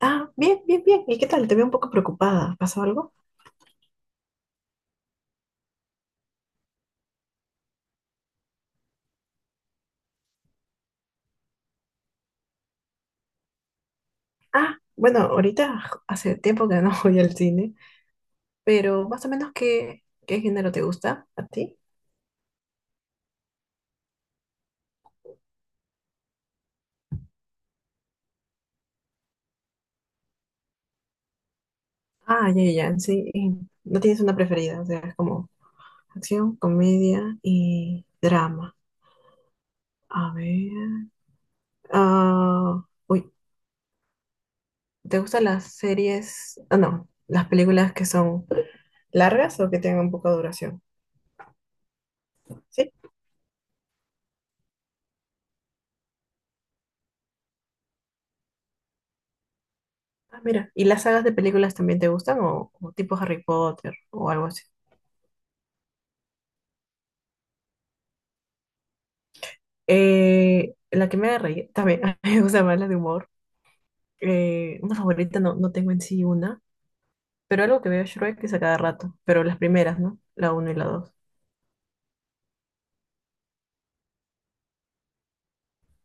Ah, bien, bien, bien. ¿Y qué tal? Te veo un poco preocupada. ¿Pasó algo? Ah, bueno, ahorita hace tiempo que no voy al cine, pero más o menos qué género te gusta a ti. Ah, ya, ya, ya, sí. Y no tienes una preferida, o sea, es como acción, comedia y drama. A ver. Ah, uy, ¿te gustan las series? Ah, no, las películas que son largas o que tengan poca duración. ¿Sí? Ah, mira, ¿y las sagas de películas también te gustan o tipo Harry Potter o algo así? La que me haga reír, también a mí me gusta más la de humor. Una favorita no tengo en sí una, pero algo que veo Shrek es a cada rato, pero las primeras, ¿no? La uno y la dos.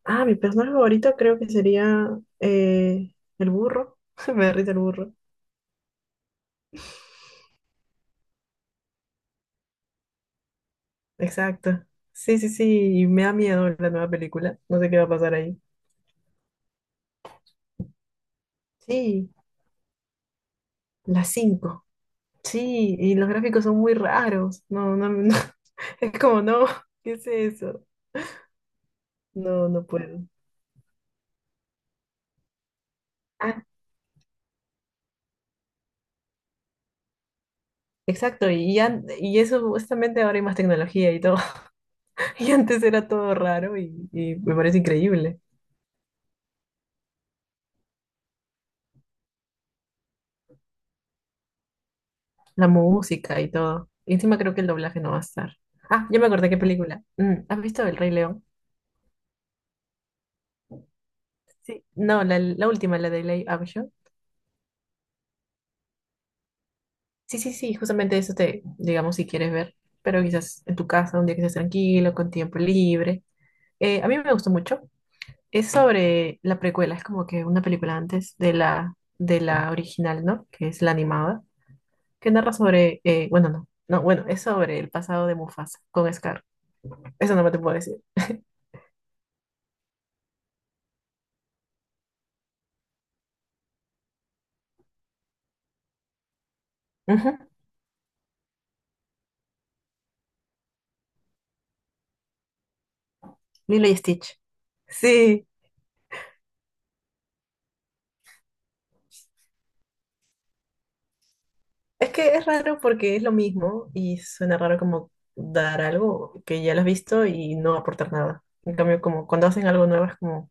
Ah, mi personaje favorito creo que sería el burro. Me da risa el burro. Exacto. Sí, sí, sí, y me da miedo la nueva película. No sé qué va a pasar ahí. Sí, las cinco. Sí, y los gráficos son muy raros. No, no, no. Es como, no, ¿qué es eso? No, no puedo. Ah, exacto, y, ya y eso justamente ahora hay más tecnología y todo. Y antes era todo raro y me parece increíble. La música y todo. Y encima creo que el doblaje no va a estar. Ah, ya me acordé qué película. ¿Has visto El Rey León? Sí. No, la última, la de Live Action. Sí, sí, sí, justamente eso te, digamos, si quieres ver. Pero quizás en tu casa, un día que estés tranquilo, con tiempo libre. A mí me gustó mucho. Es sobre la precuela, es como que una película antes de la original, ¿no? Que es la animada, que narra sobre, bueno, no, no, bueno, es sobre el pasado de Mufasa con Scar. Eso no me te puedo decir. Ujú. Lilo y Stitch. Sí, es que es raro porque es lo mismo y suena raro como dar algo que ya lo has visto y no aportar nada. En cambio, como cuando hacen algo nuevo es como,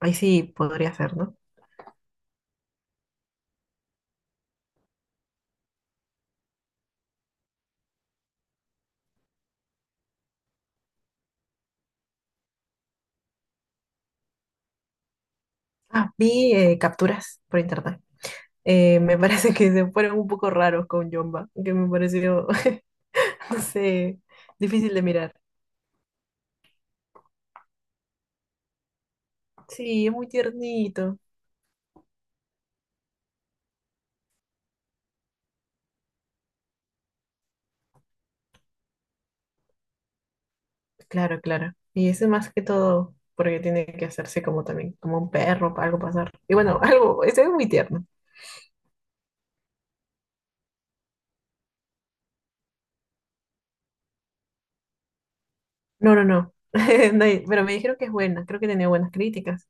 ahí sí podría ser, ¿no? Ah, vi capturas por internet. Me parece que se fueron un poco raros con Jumba, que me pareció, no sé, difícil de mirar. Sí, es muy tiernito. Claro, claro. Y eso más que todo porque tiene que hacerse como también, como un perro, para algo pasar. Y bueno, algo, eso es muy tierno. No, no, no. No hay- Pero me dijeron que es buena, creo que tenía buenas críticas.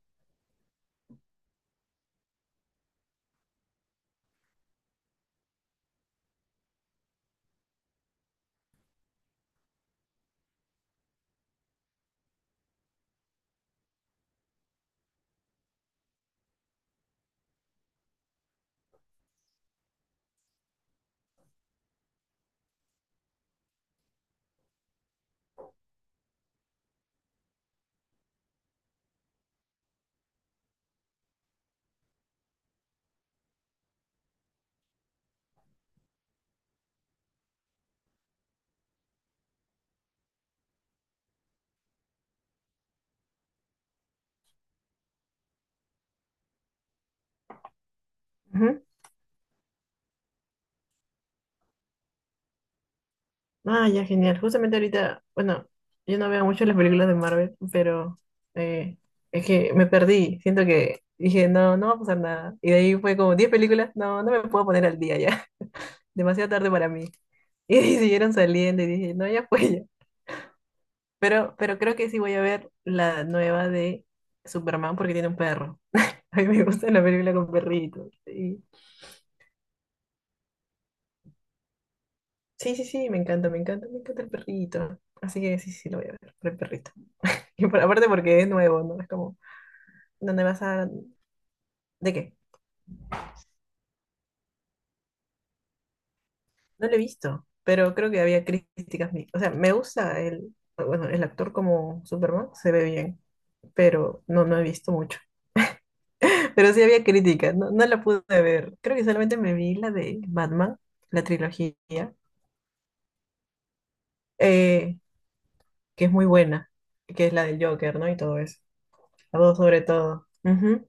Ujú. Ah, ya, genial. Justamente ahorita, bueno, yo no veo mucho las películas de Marvel, pero eh, es que me perdí. Siento que dije, no, no va a pasar nada. Y de ahí fue como 10 películas, no, no me puedo poner al día ya. Demasiado tarde para mí. Y siguieron saliendo y dije, no, ya fue. Pero creo que sí voy a ver la nueva de Superman porque tiene un perro. A mí me gusta la película con perritos. Sí, sí, sí, sí, me encanta, me encanta, me encanta el perrito. Así que sí, sí, lo voy a ver, por el perrito. Y aparte porque es nuevo, ¿no? Es como, ¿dónde vas a...? ¿De qué? No lo he visto, pero creo que había críticas. O sea, me gusta el, bueno, el actor como Superman, se ve bien, pero no, no he visto mucho. Pero sí había críticas, no, no la pude ver. Creo que solamente me vi la de Batman, la trilogía eh, que es muy buena, que es la del Joker, ¿no? Y todo eso. La dos sobre todo. Ujú.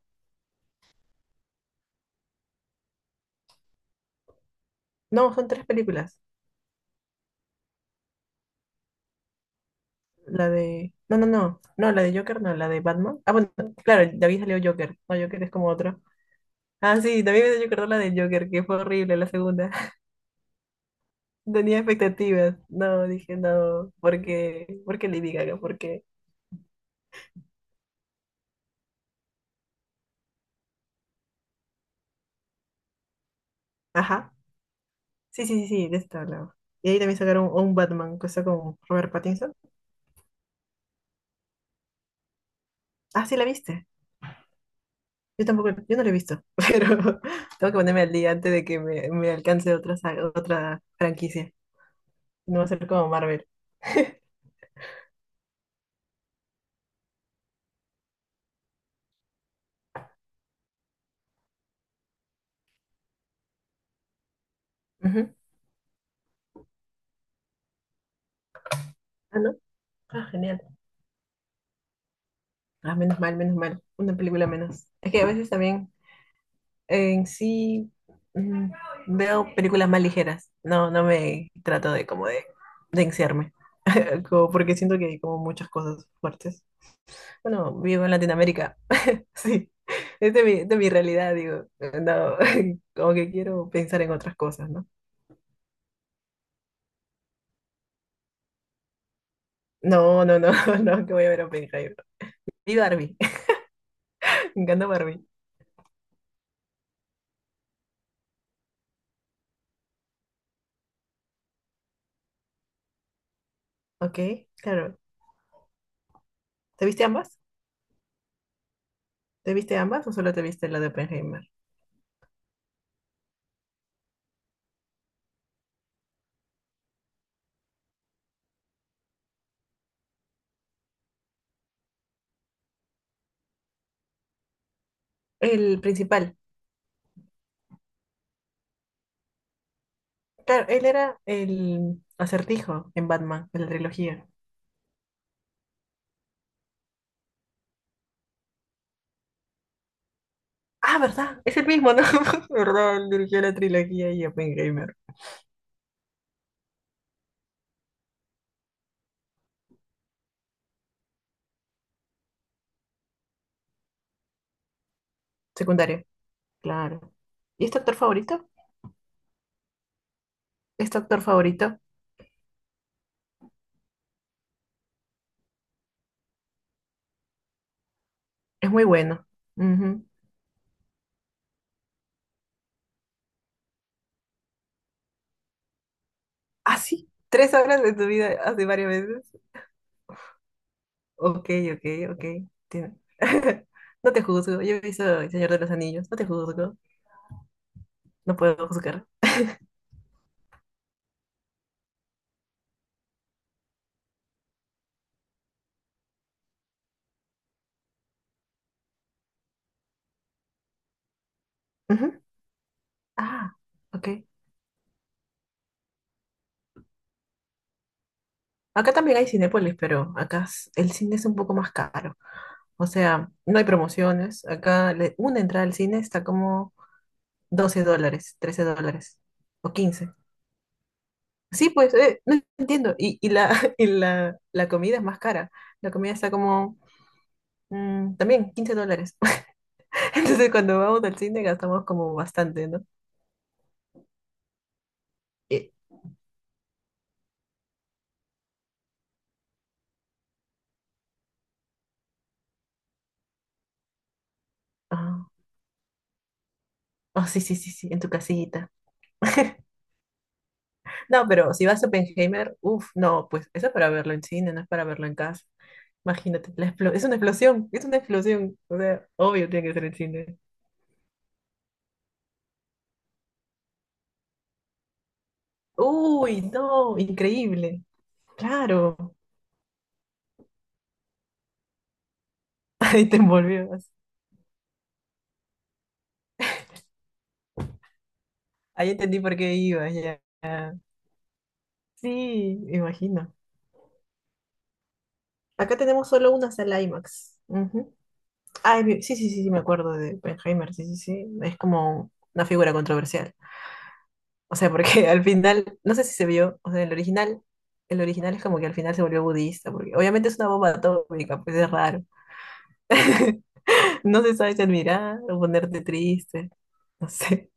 No, son tres películas. La de... No, no, no. No, la de Joker, no, la de Batman. Ah, bueno, claro, David salió Joker. No, Joker es como otro. Ah, sí, también me Joker, no, la de Joker, que fue horrible la segunda. Tenía expectativas. No, dije no, porque Lady Gaga, porque... Ajá. Sí, sí, sí, sí, de esta hablaba. Y ahí también sacaron un Batman, cosa con Robert Pattinson. Ah, sí, la viste. Yo tampoco, yo no lo he visto, pero tengo que ponerme al día antes de que me alcance otra franquicia. No va a ser como Marvel. Ujú. Ah, ¿no? Ah, genial. Ah, menos mal, menos mal. Una película menos. Es que a veces también en sí mm, veo películas más ligeras. No, no me trato de como de encerrarme. Como porque siento que hay como muchas cosas fuertes. Bueno, vivo en Latinoamérica. Sí, es de mi realidad, digo, no, como que quiero pensar en otras cosas, ¿no? No, no, no, no, que voy a ver Oppenheimer. Y Barbie, me encanta Barbie. Ok, claro. ¿Te viste ambas? ¿Te viste ambas o solo te viste la de Oppenheimer? El principal, claro, él era el acertijo en Batman, en la trilogía. Ah, ¿verdad? Es el mismo, ¿no? ¿Verdad? Él dirigió la trilogía y Oppenheimer. Secundario, claro. ¿Y es tu actor favorito? ¿Es tu actor favorito? Es muy bueno. Ujú. Ah, sí, 3 horas de tu vida hace varias veces. Ok, ok, ok. te- No te juzgo. Yo he visto El Señor de los Anillos. No te juzgo. No puedo juzgar. Ujú. Ah, ok. Acá también hay Cinépolis, pero acá el cine es un poco más caro. O sea, no hay promociones. Acá una entrada al cine está como $12, $13 o 15. Sí, pues, no entiendo. Y la, y la comida es más cara. La comida está como también $15. Entonces, cuando vamos al cine gastamos como bastante, ¿no? Y- ah, oh, sí, sí, sí, sí, en tu casita. No, pero si vas a Oppenheimer, uff, no, pues eso es para verlo en cine, no es para verlo en casa. Imagínate, es una explosión, es una explosión. O sea, obvio tiene que ser en cine. Uy, no, increíble. Claro, ahí te envolvías. Ahí entendí por qué ibas ya. Sí, imagino. Acá tenemos solo una sala IMAX. Ujú. Ay, sí, sí, sí, sí, me acuerdo de Oppenheimer, sí, sí, sí. Es como una figura controversial. O sea, porque al final, no sé si se vio, o sea, el original es como que al final se volvió budista, porque obviamente es una bomba atómica, pues es raro. No se sabe si admirar o ponerte triste, no sé,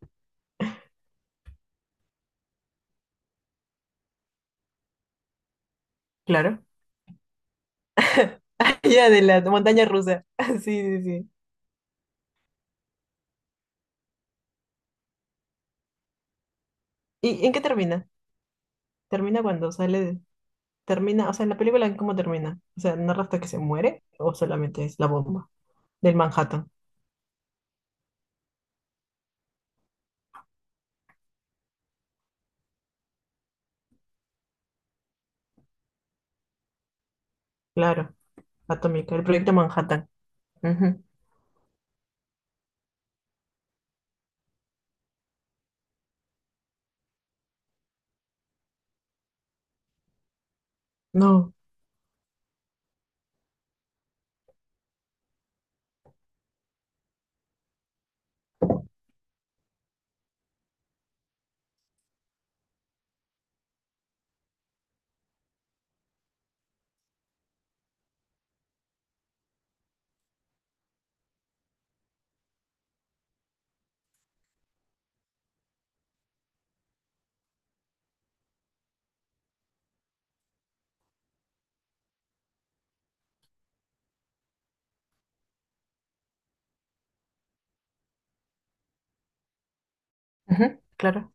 claro. Ya de la montaña rusa, sí, sí, sí. ¿Y en qué termina? ¿Termina cuando sale? Termina, o sea, en la película, ¿en ¿cómo termina? O sea, ¿narra hasta que se muere o solamente es la bomba del Manhattan? Claro. Atómica, el proyecto Manhattan. Ujú. No, ujú, claro.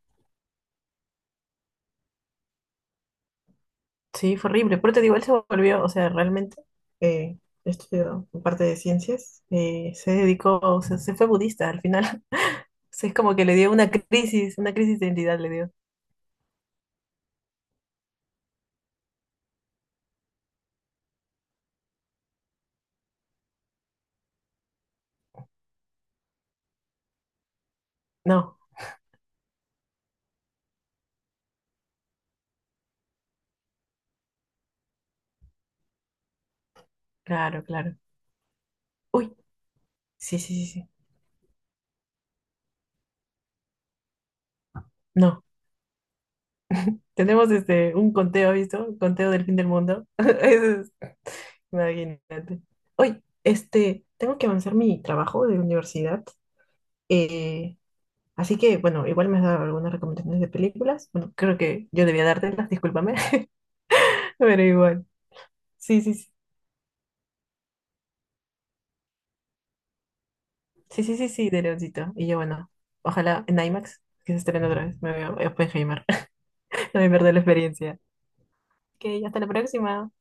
Sí, fue horrible. Pero te digo, él se volvió, o sea, realmente eh, estudió parte de ciencias, se dedicó, o sea, se fue budista al final. O sea, es como que le dio una crisis de identidad le dio. No, claro, claro. Uy, sí, sí, sí, sí. No. Tenemos un conteo, ¿visto? Un conteo del fin del mundo. Eso es, imagínate. Uy, tengo que avanzar mi trabajo de universidad. Eh, Así que, bueno, igual me has dado algunas recomendaciones de películas. Bueno, creo que yo debía dártelas, discúlpame, pero igual. Sí, sí, sí, sí, sí, sí, sí, de Leoncito. Y yo, bueno, ojalá en IMAX, que se estrene otra vez, me veo Oppenheimer, también perder la experiencia. Ok, hasta la próxima.